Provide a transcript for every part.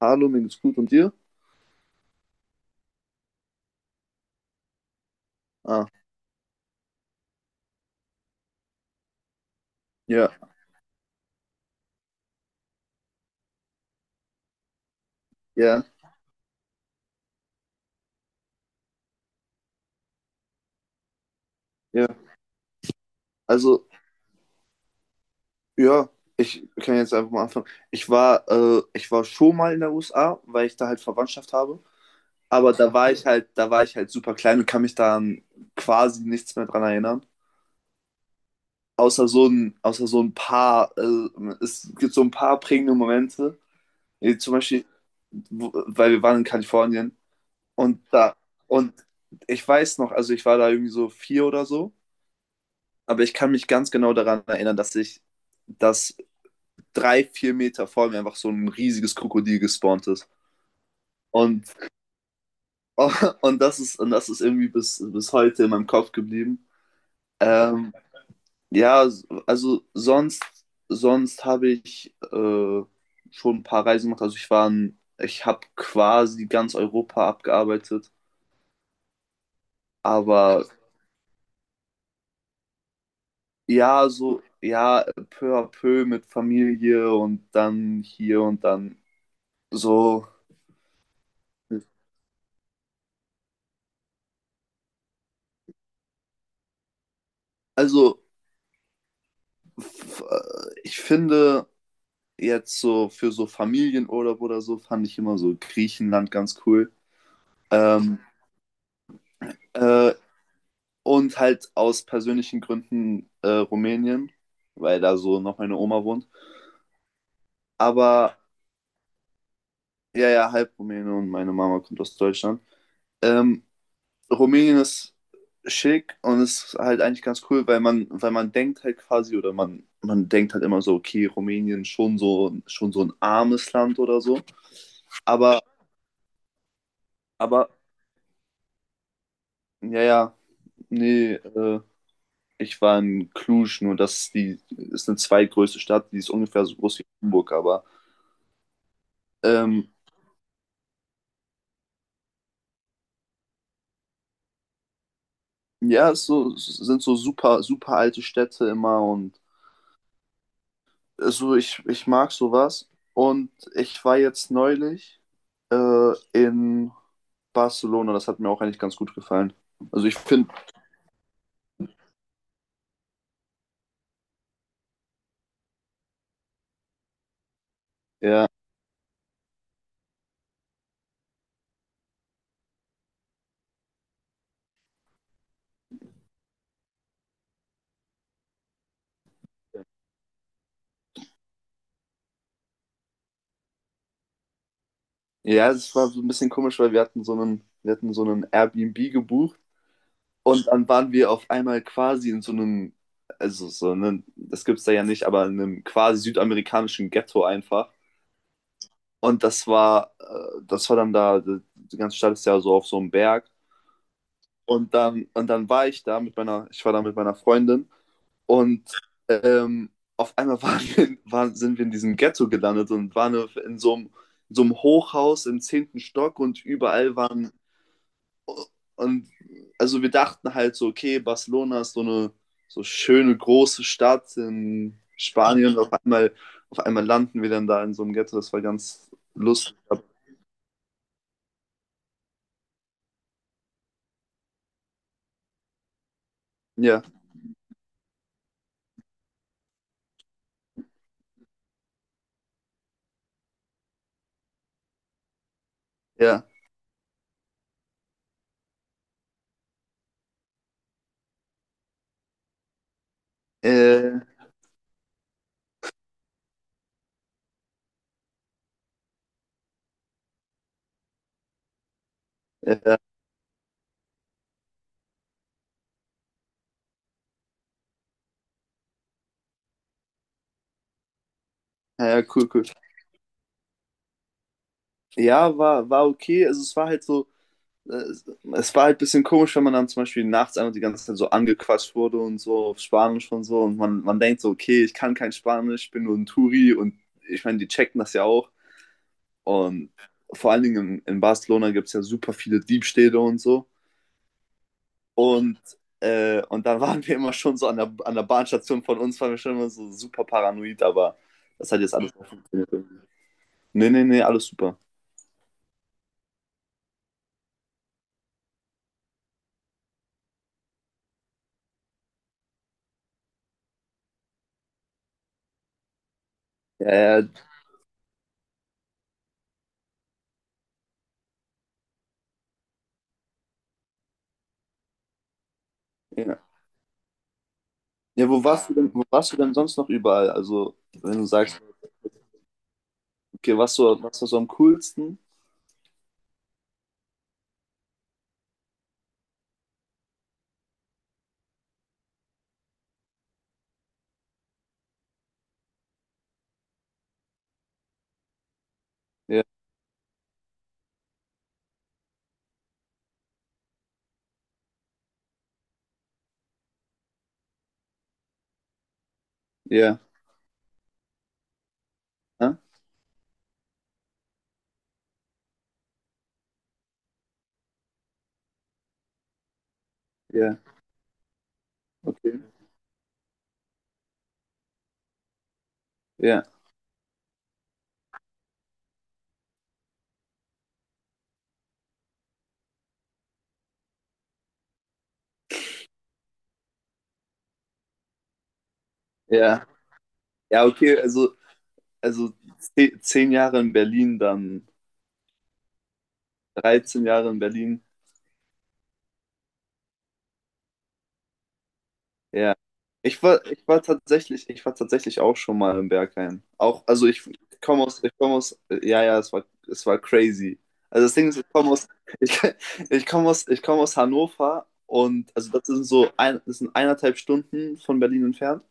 Hallo, mir geht's gut und dir? Ah, ja, ja, ja. Also, ja, ich kann jetzt einfach mal anfangen. Ich war schon mal in der USA, weil ich da halt Verwandtschaft habe. Aber da war ich halt super klein und kann mich da quasi nichts mehr dran erinnern. Außer so ein paar, es gibt so ein paar prägende Momente. Zum Beispiel, weil wir waren in Kalifornien und da, und ich weiß noch, also ich war da irgendwie so vier oder so. Aber ich kann mich ganz genau daran erinnern, dass drei, vier Meter vor mir einfach so ein riesiges Krokodil gespawnt ist. Und, das ist irgendwie bis heute in meinem Kopf geblieben. Ähm, ja, also sonst habe ich schon ein paar Reisen gemacht. Also ich habe quasi ganz Europa abgearbeitet. Aber ja, so, ja, peu à peu mit Familie und dann hier und dann so. Also, ich finde jetzt so für so Familienurlaub oder so fand ich immer so Griechenland ganz cool. Ähm, äh, und halt aus persönlichen Gründen, Rumänien, weil da so noch meine Oma wohnt. Aber ja, ja, halb Rumäne und meine Mama kommt aus Deutschland. Ähm, Rumänien ist schick und ist halt eigentlich ganz cool, weil man denkt halt quasi, oder man denkt halt immer so, okay, Rumänien schon so ein armes Land oder so. Aber Aber, ja, ja, nee, ich war in Cluj, nur das ist die ist eine zweitgrößte Stadt, die ist ungefähr so groß wie Hamburg, aber ähm, ja, es so, es sind so super, super alte Städte immer, und so, ich mag sowas. Und ich war jetzt neulich in Barcelona, das hat mir auch eigentlich ganz gut gefallen. Also ich finde, ja, ja, es war so ein bisschen komisch, weil wir hatten so einen Airbnb gebucht. Und dann waren wir auf einmal quasi in so einem, also so einem, das gibt's da ja nicht, aber in einem quasi südamerikanischen Ghetto einfach. Und das war dann da, die ganze Stadt ist ja so auf so einem Berg. Und dann war ich da mit meiner, ich war da mit meiner Freundin und ähm, auf einmal sind wir in diesem Ghetto gelandet und waren in so einem, Hochhaus im 10. Stock und überall waren. Und also wir dachten halt so, okay, Barcelona ist so schöne große Stadt in Spanien. Auf einmal landen wir dann da in so einem Ghetto. Das war ganz lustig. Ja, ja. Äh, ja, ja, ja, cool, cool. Ja, war okay. Also es war halt so, äh, es war halt ein bisschen komisch, wenn man dann zum Beispiel nachts einfach die ganze Zeit so angequatscht wurde und so auf Spanisch und so. Und man denkt so, okay, ich kann kein Spanisch, ich bin nur ein Touri, und ich meine, die checken das ja auch. Und vor allen Dingen in Barcelona gibt es ja super viele Diebstähle und so. Und, und dann waren wir immer schon so an der Bahnstation von uns, waren wir schon immer so super paranoid, aber das hat jetzt alles auch funktioniert. Nee, nee, nee, alles super. Ja, ja, ja. Ja, wo warst du denn sonst noch überall? Also, wenn du sagst, okay, was so, was war so am coolsten? Ja, ja, ja, ja, okay. Ja, ja. Ja, okay, also 10 Jahre in Berlin, dann 13 Jahre in Berlin. Ja. Ich war tatsächlich auch schon mal im Berghain. Auch, also ja, ja, es war crazy. Also das Ding ist, ich, ich komme aus Hannover, und also das sind 1,5 Stunden von Berlin entfernt.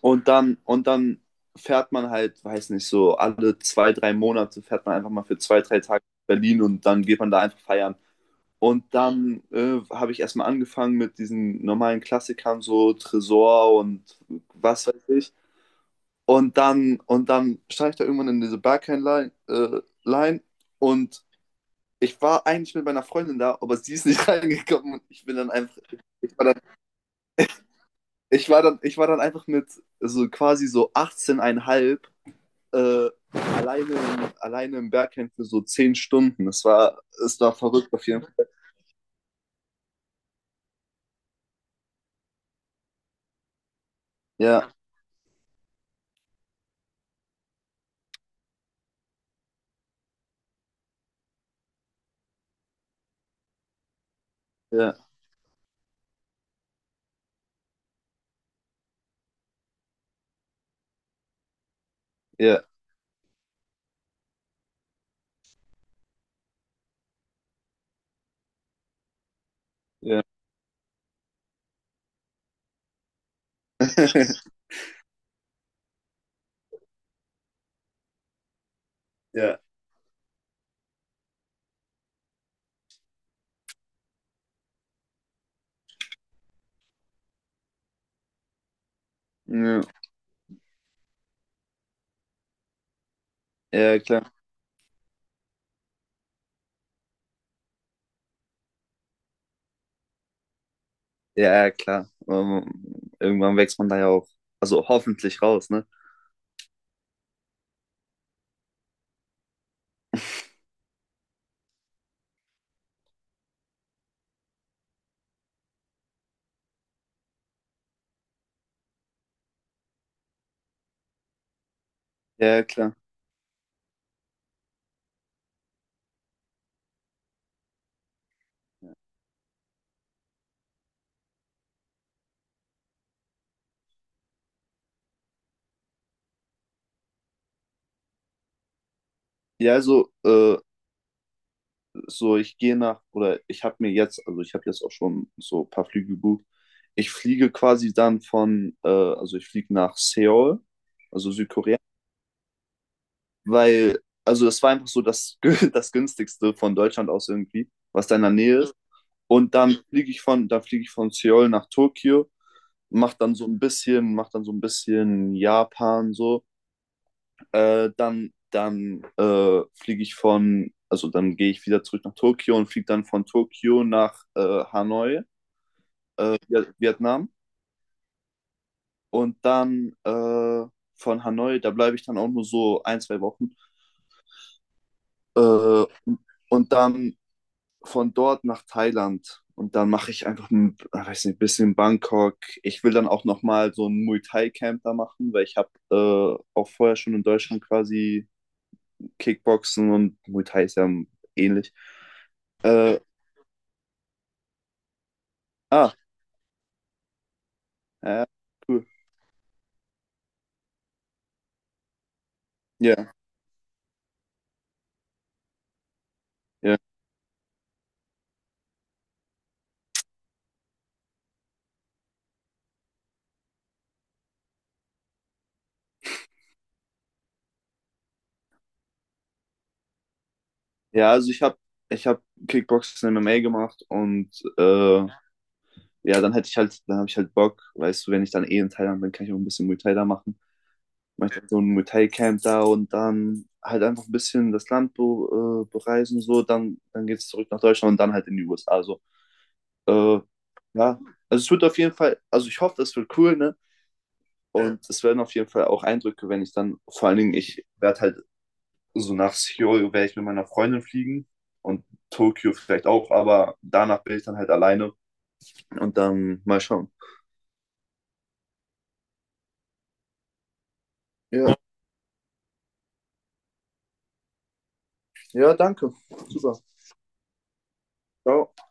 Und dann fährt man halt, weiß nicht, so alle zwei, drei Monate fährt man einfach mal für zwei, drei Tage nach Berlin und dann geht man da einfach feiern. Und dann habe ich erstmal angefangen mit diesen normalen Klassikern, so Tresor und was weiß ich. Und dann stand ich da irgendwann in diese Barcane-Line, Line und ich war eigentlich mit meiner Freundin da, aber sie ist nicht reingekommen und ich bin dann einfach, ich war dann, ich war dann einfach mit so quasi so 18,5 äh, alleine, alleine im Bergheim für so 10 Stunden. Es war verrückt auf jeden Fall. Ja, ja, ja, ja. Ja. Ja, ja, ja, klar. Ja, ja, klar. Irgendwann wächst man da ja auch, also hoffentlich raus, ne? Ja, ja, klar. Ja, also, so ich gehe nach, oder ich habe jetzt auch schon so ein paar Flüge gebucht. Ich fliege quasi dann von, also ich fliege nach Seoul, also Südkorea, weil, also es war einfach so das, das günstigste von Deutschland aus irgendwie, was da in der Nähe ist. Dann fliege ich von Seoul nach Tokio, macht dann so ein bisschen Japan so. Dann fliege ich von, also dann gehe ich wieder zurück nach Tokio und fliege dann von Tokio nach, Hanoi, Vietnam. Und dann von Hanoi, da bleibe ich dann auch nur so ein, zwei Wochen. Äh, und dann von dort nach Thailand, und dann mache ich einfach ein, weiß nicht, ein bisschen Bangkok. Ich will dann auch nochmal so ein Muay Thai Camp da machen, weil ich habe auch vorher schon in Deutschland quasi Kickboxen, und Muay Thai ist ja ähnlich. Äh, ah, ja, cool. Ja, ja. Ja, also ich hab Kickboxen MMA gemacht, und äh, ja, dann hätte ich halt, dann habe ich halt Bock, weißt du, wenn ich dann eh in Thailand bin, kann ich auch ein bisschen Muay Thai da machen. Mache dann so ein Muay Thai Camp da und dann halt einfach ein bisschen das Land be bereisen, so, dann geht es zurück nach Deutschland und dann halt in die USA. Also, äh, ja, also es wird auf jeden Fall, also ich hoffe, das wird cool, ne? Und es werden auf jeden Fall auch Eindrücke, wenn ich dann, vor allen Dingen, ich werde halt so, nach Seoul werde ich mit meiner Freundin fliegen, und Tokio vielleicht auch, aber danach bin ich dann halt alleine und dann mal schauen. Ja, ja, danke. Super. Ciao.